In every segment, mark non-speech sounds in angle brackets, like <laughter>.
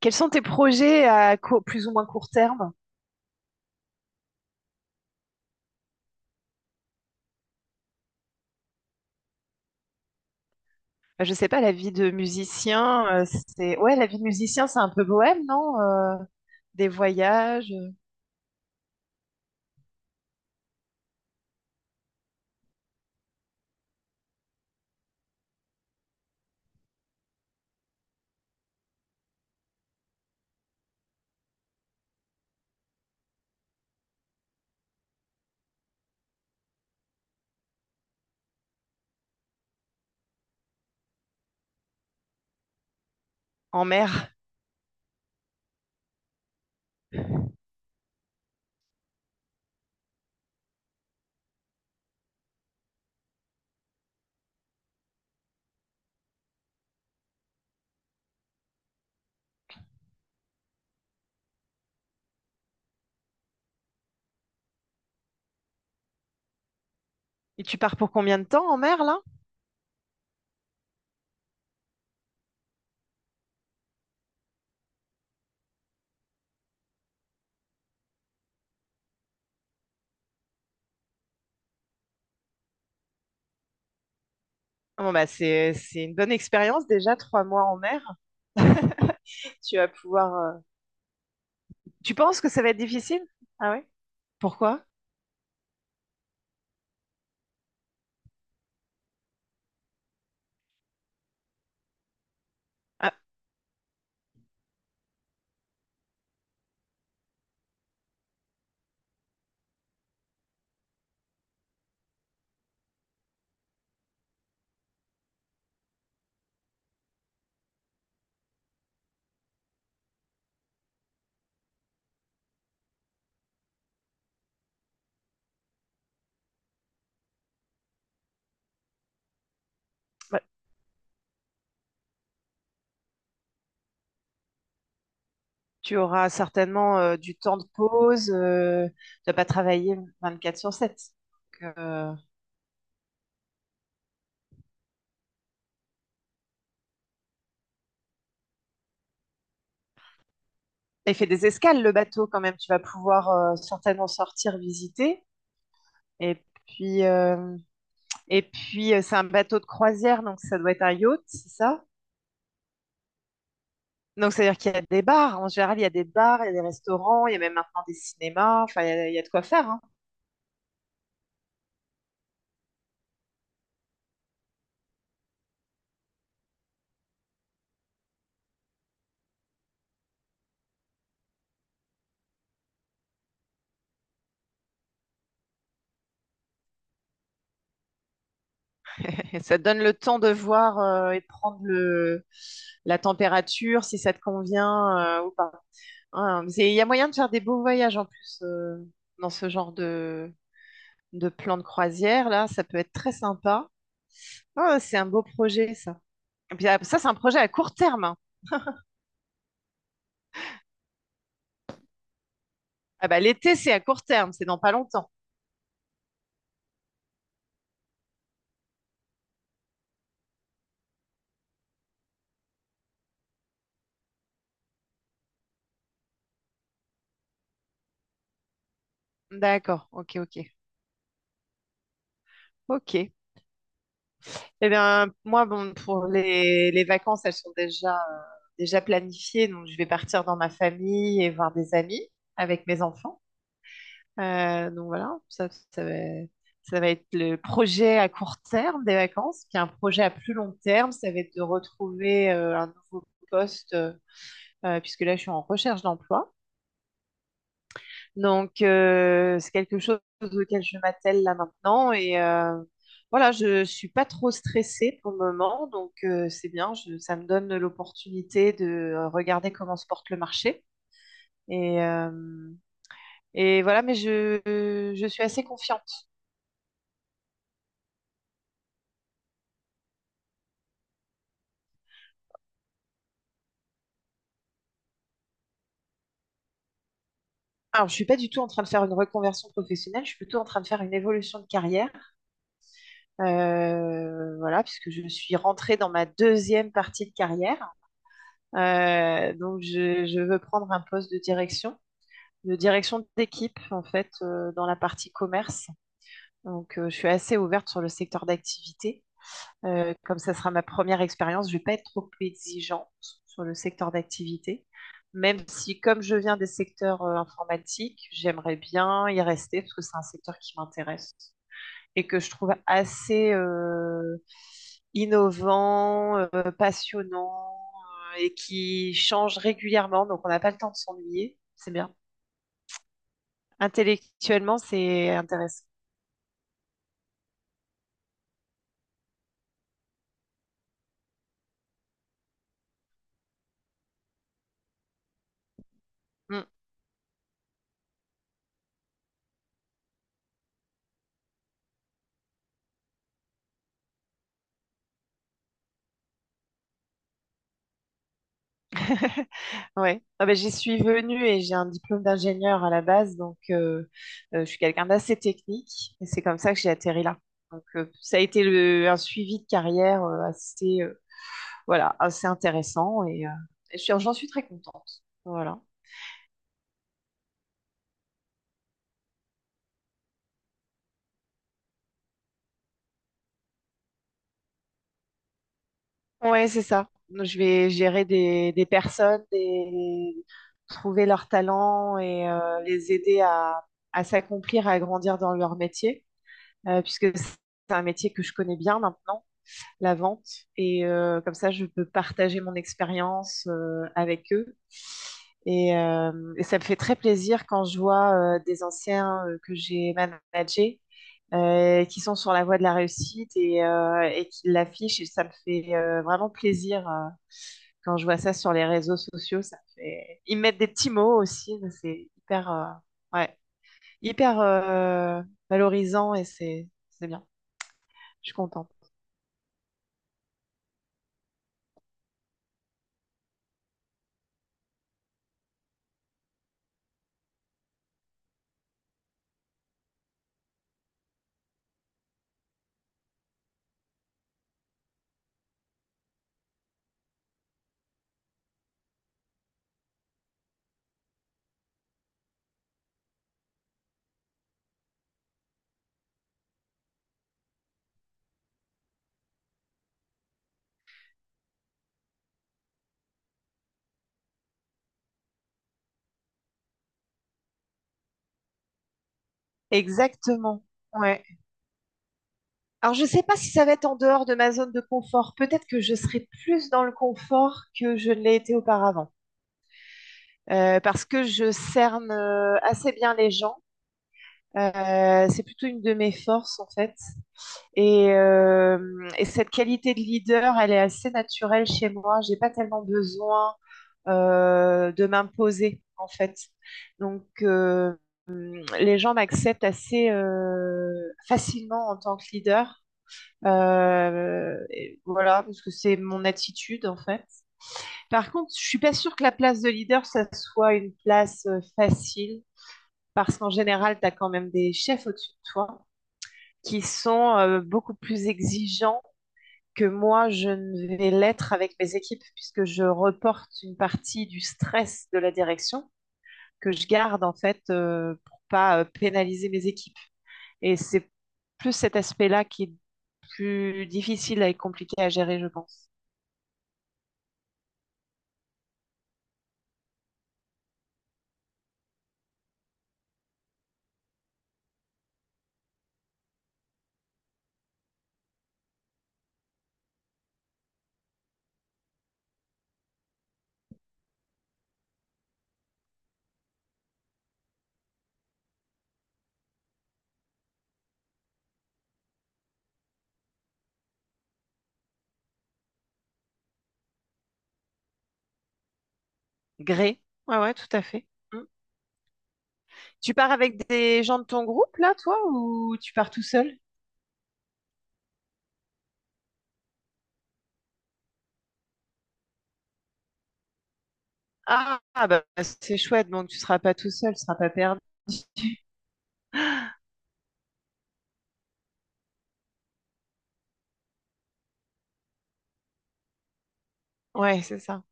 Quels sont tes projets à plus ou moins court terme? Je sais pas, la vie de musicien, Ouais, la vie de musicien, c'est un peu bohème, non? Des voyages en mer. Et tu pars pour combien de temps en mer, là? Bon, bah, c'est une bonne expérience déjà, 3 mois en mer. <laughs> Tu vas pouvoir... euh, Tu penses que ça va être difficile? Ah ouais? Pourquoi? Ah, bah, tu auras certainement du temps de pause. Tu vas pas travailler 24 sur 7. Il fait des escales, le bateau, quand même. Tu vas pouvoir certainement sortir, visiter. Et puis, euh, et puis, c'est un bateau de croisière, donc ça doit être un yacht, c'est ça? Donc, c'est-à-dire qu'il y a des bars. En général, il y a des bars, il y a des restaurants, il y a même maintenant des cinémas. Enfin, il y a de quoi faire, hein. <laughs> Et ça te donne le temps de voir et de prendre la température, si ça te convient ou pas. Hein, il y a moyen de faire des beaux voyages en plus dans ce genre de plan de croisière, là. Ça peut être très sympa. Ah, c'est un beau projet, ça. Et puis, ah, ça, c'est un projet à court terme, hein. Ah bah, l'été, c'est à court terme, c'est dans pas longtemps. D'accord, ok, ok, ok. Eh bien, moi, bon, pour les vacances, elles sont déjà planifiées. Donc, je vais partir dans ma famille et voir des amis avec mes enfants. Donc, voilà, ça va être le projet à court terme des vacances. Puis, un projet à plus long terme, ça va être de retrouver un nouveau poste, puisque là, je suis en recherche d'emploi. Donc, c'est quelque chose auquel je m'attelle là maintenant. Et voilà, je ne suis pas trop stressée pour le moment. Donc, c'est bien. Ça me donne l'opportunité de regarder comment se porte le marché. Et, euh, et voilà, mais je suis assez confiante. Alors, je suis pas du tout en train de faire une reconversion professionnelle. Je suis plutôt en train de faire une évolution de carrière. Voilà, puisque je suis rentrée dans ma deuxième partie de carrière. Donc, je veux prendre un poste de direction d'équipe en fait dans la partie commerce. Donc je suis assez ouverte sur le secteur d'activité. Comme ça sera ma première expérience, je ne vais pas être trop exigeante sur le secteur d'activité. Même si, comme je viens des secteurs informatiques, j'aimerais bien y rester parce que c'est un secteur qui m'intéresse et que je trouve assez innovant, passionnant et qui change régulièrement. Donc on n'a pas le temps de s'ennuyer. C'est bien. Intellectuellement, c'est intéressant. Mm. <laughs> Ouais. Ah ben, j'y suis venue et j'ai un diplôme d'ingénieur à la base, donc je suis quelqu'un d'assez technique et c'est comme ça que j'ai atterri là. Donc ça a été un suivi de carrière assez intéressant et j'en suis très contente. Voilà. Ouais, c'est ça. Je vais gérer des personnes, trouver leurs talents et les aider à s'accomplir, à grandir dans leur métier, puisque c'est un métier que je connais bien maintenant, la vente. Et comme ça, je peux partager mon expérience avec eux. Et ça me fait très plaisir quand je vois des anciens que j'ai managés qui sont sur la voie de la réussite et qui l'affichent. Et ça me fait vraiment plaisir quand je vois ça sur les réseaux sociaux. Ils mettent des petits mots aussi. C'est hyper, ouais, hyper valorisant et c'est bien. Je suis contente. Exactement, ouais. Alors je ne sais pas si ça va être en dehors de ma zone de confort. Peut-être que je serai plus dans le confort que je ne l'ai été auparavant. Parce que je cerne assez bien les gens. C'est plutôt une de mes forces en fait. Et, euh, et cette qualité de leader, elle est assez naturelle chez moi. J'ai pas tellement besoin de m'imposer en fait. Donc les gens m'acceptent assez facilement en tant que leader. Et voilà, parce que c'est mon attitude en fait. Par contre, je suis pas sûre que la place de leader, ça soit une place facile, parce qu'en général, tu as quand même des chefs au-dessus de toi qui sont beaucoup plus exigeants que moi, je ne vais l'être avec mes équipes, puisque je reporte une partie du stress de la direction que je garde en fait pour pas pénaliser mes équipes. Et c'est plus cet aspect-là qui est plus difficile et compliqué à gérer, je pense. Gré. Ouais, ouais, tout à fait. Mm. Tu pars avec des gens de ton groupe, là, toi, ou tu pars tout seul? Ah, ah, bah, c'est chouette, donc tu seras pas tout seul, tu seras pas perdu. Ouais, c'est ça.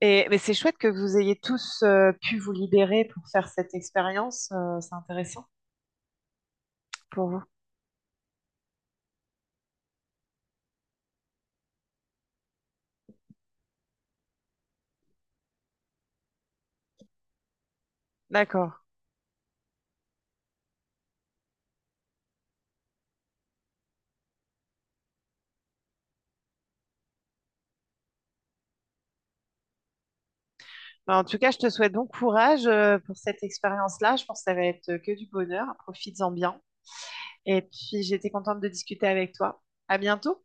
Et, mais c'est chouette que vous ayez tous pu vous libérer pour faire cette expérience, c'est intéressant pour vous. D'accord. Bah, en tout cas, je te souhaite bon courage pour cette expérience-là. Je pense que ça va être que du bonheur. Profites-en bien. Et puis, j'ai été contente de discuter avec toi. À bientôt.